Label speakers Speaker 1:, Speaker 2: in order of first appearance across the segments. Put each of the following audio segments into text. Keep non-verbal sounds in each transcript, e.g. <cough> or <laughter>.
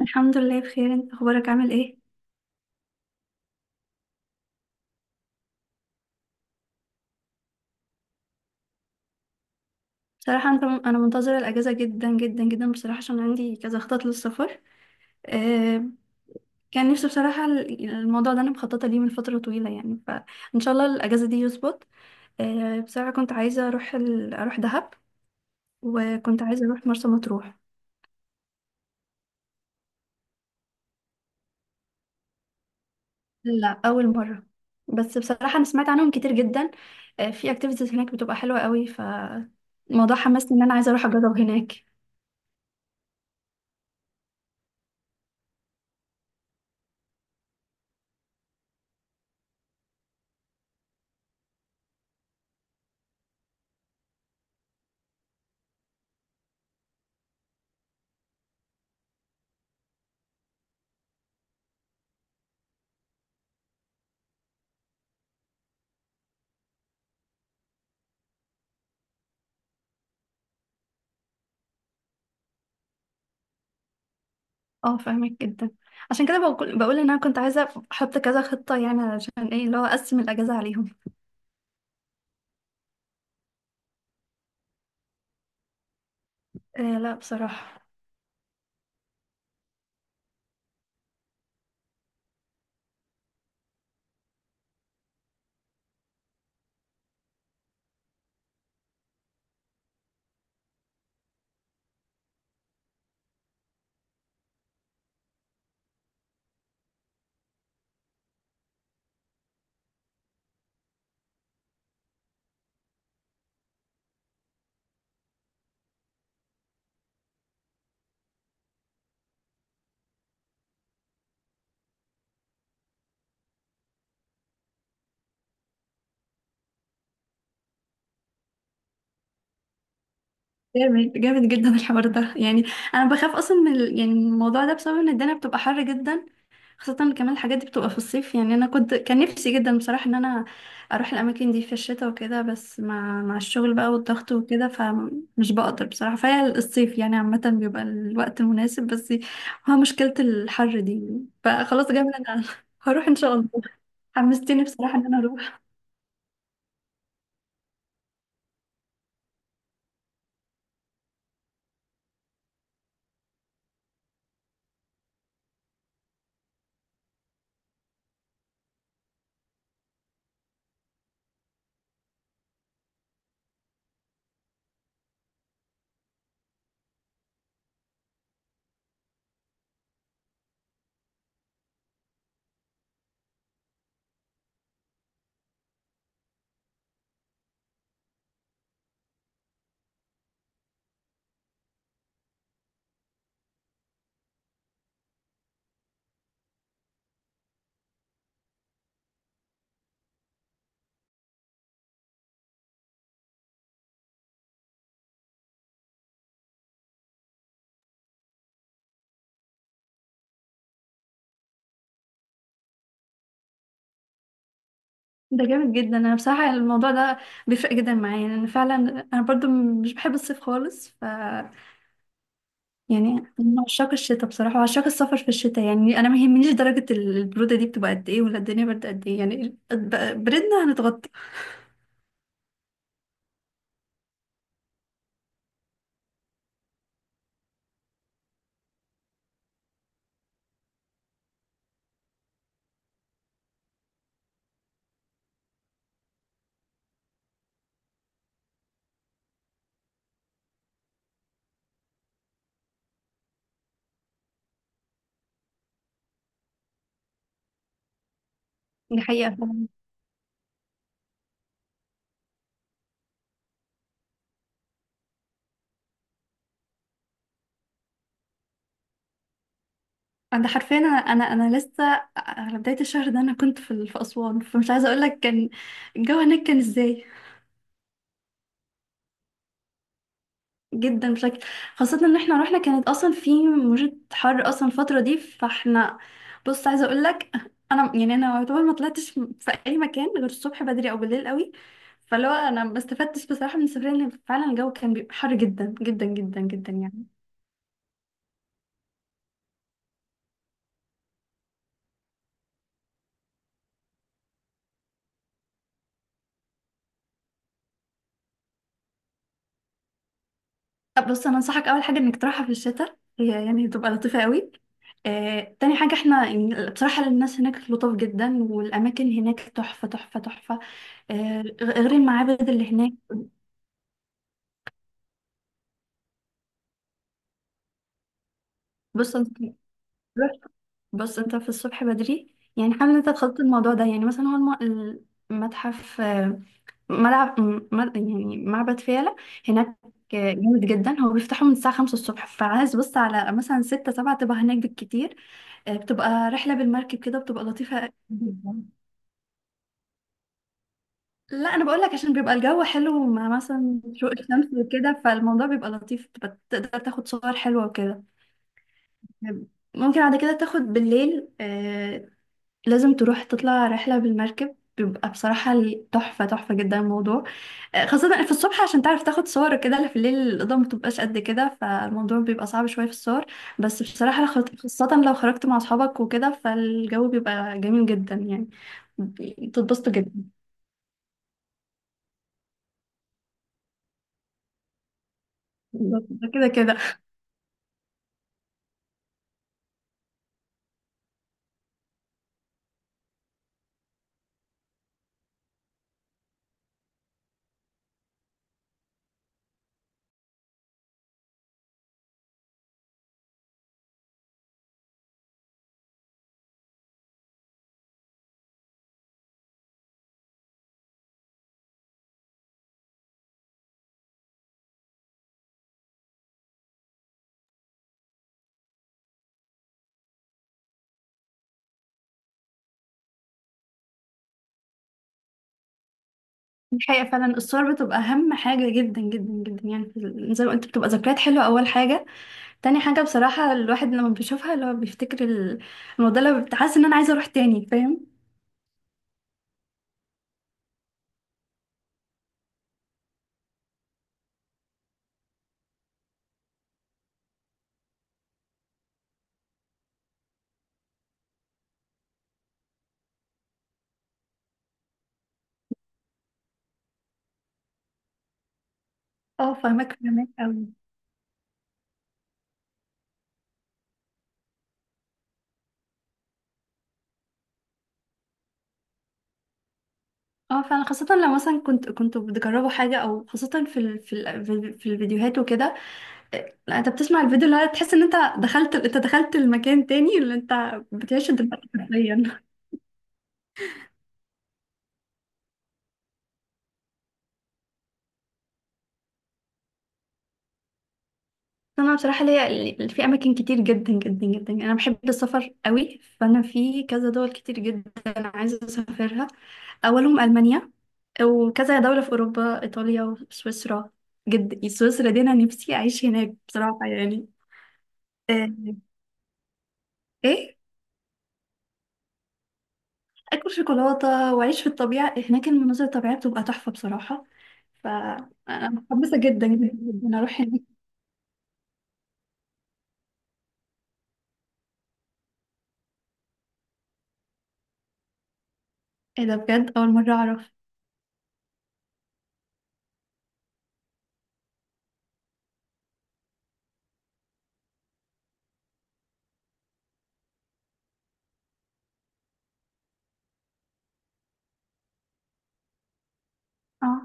Speaker 1: الحمد لله بخير. انت اخبارك عامل ايه؟ بصراحه انا منتظره الاجازه جدا جدا جدا بصراحه، عشان عندي كذا خطط للسفر. آه، كان نفسي بصراحه الموضوع ده انا مخططه ليه من فتره طويله يعني، فان شاء الله الاجازه دي يظبط. آه، بصراحه كنت عايزه اروح اروح دهب، وكنت عايزه اروح مرسى مطروح. لا، اول مره. بس بصراحه انا سمعت عنهم كتير جدا. آه، في اكتيفيتيز هناك بتبقى حلوه قوي، فالموضوع حمسني ان انا عايزه اروح اجرب هناك. اه، فاهمك جدا. عشان كده بقول ان انا كنت عايزه احط كذا خطه يعني، عشان ايه اللي هو اقسم الاجازه عليهم. آه، لا بصراحه. جامد جامد جدا الحوار ده يعني. انا بخاف اصلا من يعني من الموضوع ده، بسبب ان الدنيا بتبقى حر جدا. خاصة إن كمان الحاجات دي بتبقى في الصيف، يعني انا كان نفسي جدا بصراحة ان انا اروح الاماكن دي في الشتاء وكده. بس مع الشغل بقى والضغط وكده فمش بقدر بصراحة، فهي الصيف يعني عامة بيبقى الوقت المناسب، بس هو مشكلة الحر دي. فخلاص جامد، انا <laughs> هروح ان شاء الله. حمستني بصراحة ان انا اروح. ده جامد جدا، انا بصراحة الموضوع ده بيفرق جدا معايا، لان فعلا انا برضو مش بحب الصيف خالص. يعني أنا من عشاق الشتاء بصراحة، وعشاق السفر في الشتاء، يعني أنا ما يهمنيش درجة البرودة دي بتبقى قد إيه ولا الدنيا برد قد إيه، يعني بردنا هنتغطى. دي حقيقة فعلا. أنا حرفيا، أنا لسه على بداية الشهر ده، أنا كنت في أسوان، فمش عايزة أقول لك كان الجو هناك كان إزاي. جدا بشكل، خاصة ان احنا رحنا كانت اصلا في موجة حر اصلا الفترة دي، فاحنا، بص عايزة اقول لك، انا يعني انا يعتبر ما طلعتش في اي مكان غير الصبح بدري او بالليل قوي. فلو انا ما استفدتش بصراحة من السفرية، لان فعلا الجو كان بيبقى حر جدا جدا جدا جدا يعني. طب بص، انا انصحك اول حاجة انك تروحها في الشتاء، هي يعني تبقى لطيفة قوي. آه، تاني حاجة احنا يعني بصراحة الناس هناك لطاف جدا، والأماكن هناك تحفة تحفة تحفة. آه، غير المعابد اللي هناك. بص أنت، بص انت في الصبح بدري يعني، حابب ان انت تخطط الموضوع ده يعني، مثلا هو المتحف، آه، يعني معبد فيلة هناك. آه، جامد جدا. هو بيفتحه من الساعة 5 الصبح، فعايز بص على مثلا 6 7 تبقى هناك بالكتير. آه، بتبقى رحلة بالمركب كده، بتبقى لطيفة جدا. لا، انا بقول لك عشان بيبقى الجو حلو مع مثلا شروق الشمس وكده، فالموضوع بيبقى لطيف، بتبقى تقدر تاخد صور حلوة وكده. ممكن بعد كده تاخد بالليل. آه، لازم تروح تطلع رحلة بالمركب، بيبقى بصراحة تحفة تحفة جدا الموضوع. آه، خاصة في الصبح عشان تعرف تاخد صور كده، لا في الليل الإضاءة متبقاش قد كده، فالموضوع بيبقى صعب شوية في الصور. بس بصراحة لو خاصة لو خرجت مع أصحابك وكده، فالجو بيبقى جميل جدا يعني، بتتبسطوا جدا. بالظبط، ده كده كده. الحقيقة فعلا الصور بتبقى أهم حاجة جدا جدا جدا يعني، زي ما قلت بتبقى ذكريات حلوة أول حاجة. تاني حاجة بصراحة الواحد لما بيشوفها، اللي هو بيفتكر الموضوع، اللي بتحس إن أنا عايزة أروح تاني، فاهم؟ اه، فاهمك فاهمك قوي. اه فعلا، خاصة لو مثلا كنت بتجربوا حاجة، او خاصة في الفيديوهات وكده. لا انت بتسمع الفيديو، اللي هو تحس ان انت انت دخلت المكان تاني، اللي انت بتعيشه دلوقتي حرفيا. <laughs> انا بصراحة ليا في اماكن كتير جدا جدا جدا يعني، انا بحب السفر قوي، فانا في كذا دول كتير جدا عايزة اسافرها. اولهم المانيا، وكذا دولة في اوروبا، ايطاليا وسويسرا. جد سويسرا دي انا نفسي اعيش هناك بصراحة يعني. آه، ايه، اكل شوكولاته واعيش في الطبيعه هناك، المناظر الطبيعيه بتبقى تحفه بصراحه، فانا متحمسه جدا جدا جدا اروح هناك. ايه ده؟ بجد اول مره اعرف. اه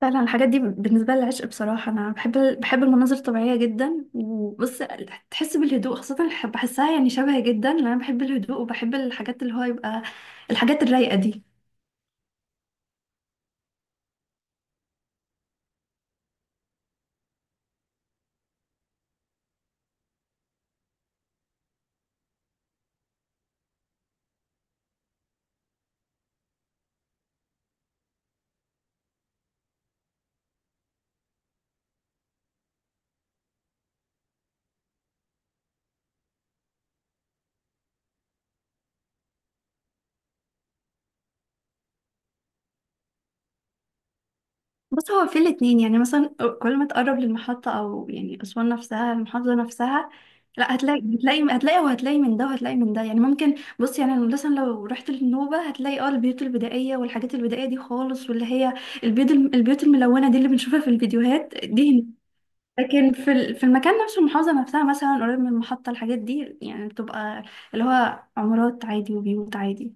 Speaker 1: فعلا، الحاجات دي بالنسبه لي عشق بصراحه، انا بحب المناظر الطبيعيه جدا. وبص، تحس بالهدوء، خاصه بحسها يعني شبهي جدا، لان انا بحب الهدوء وبحب الحاجات اللي هو يبقى الحاجات الرايقه دي. بص هو في الاتنين يعني، مثلا كل ما تقرب للمحطة أو يعني أسوان نفسها المحافظة نفسها، لا هتلاقي هتلاقي هتلاقي وهتلاقي من ده وهتلاقي من ده يعني. ممكن بص يعني أنا مثلا لو رحت للنوبة هتلاقي اه البيوت البدائية والحاجات البدائية دي خالص، واللي هي البيوت الملونة دي اللي بنشوفها في الفيديوهات دي هنا. لكن في المكان نفسه المحافظة نفسها مثلا قريب من المحطة، الحاجات دي يعني بتبقى اللي هو عمارات عادي وبيوت عادي.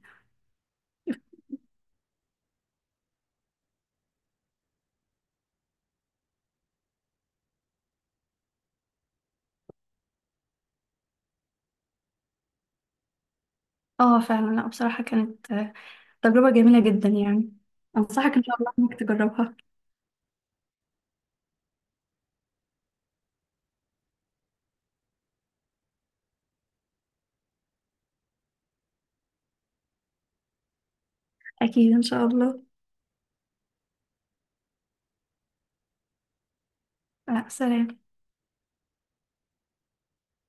Speaker 1: اه فعلا، لا بصراحة كانت تجربة جميلة جدا يعني. أنصحك إن شاء الله إنك تجربها. أكيد إن شاء الله. آه، سلام.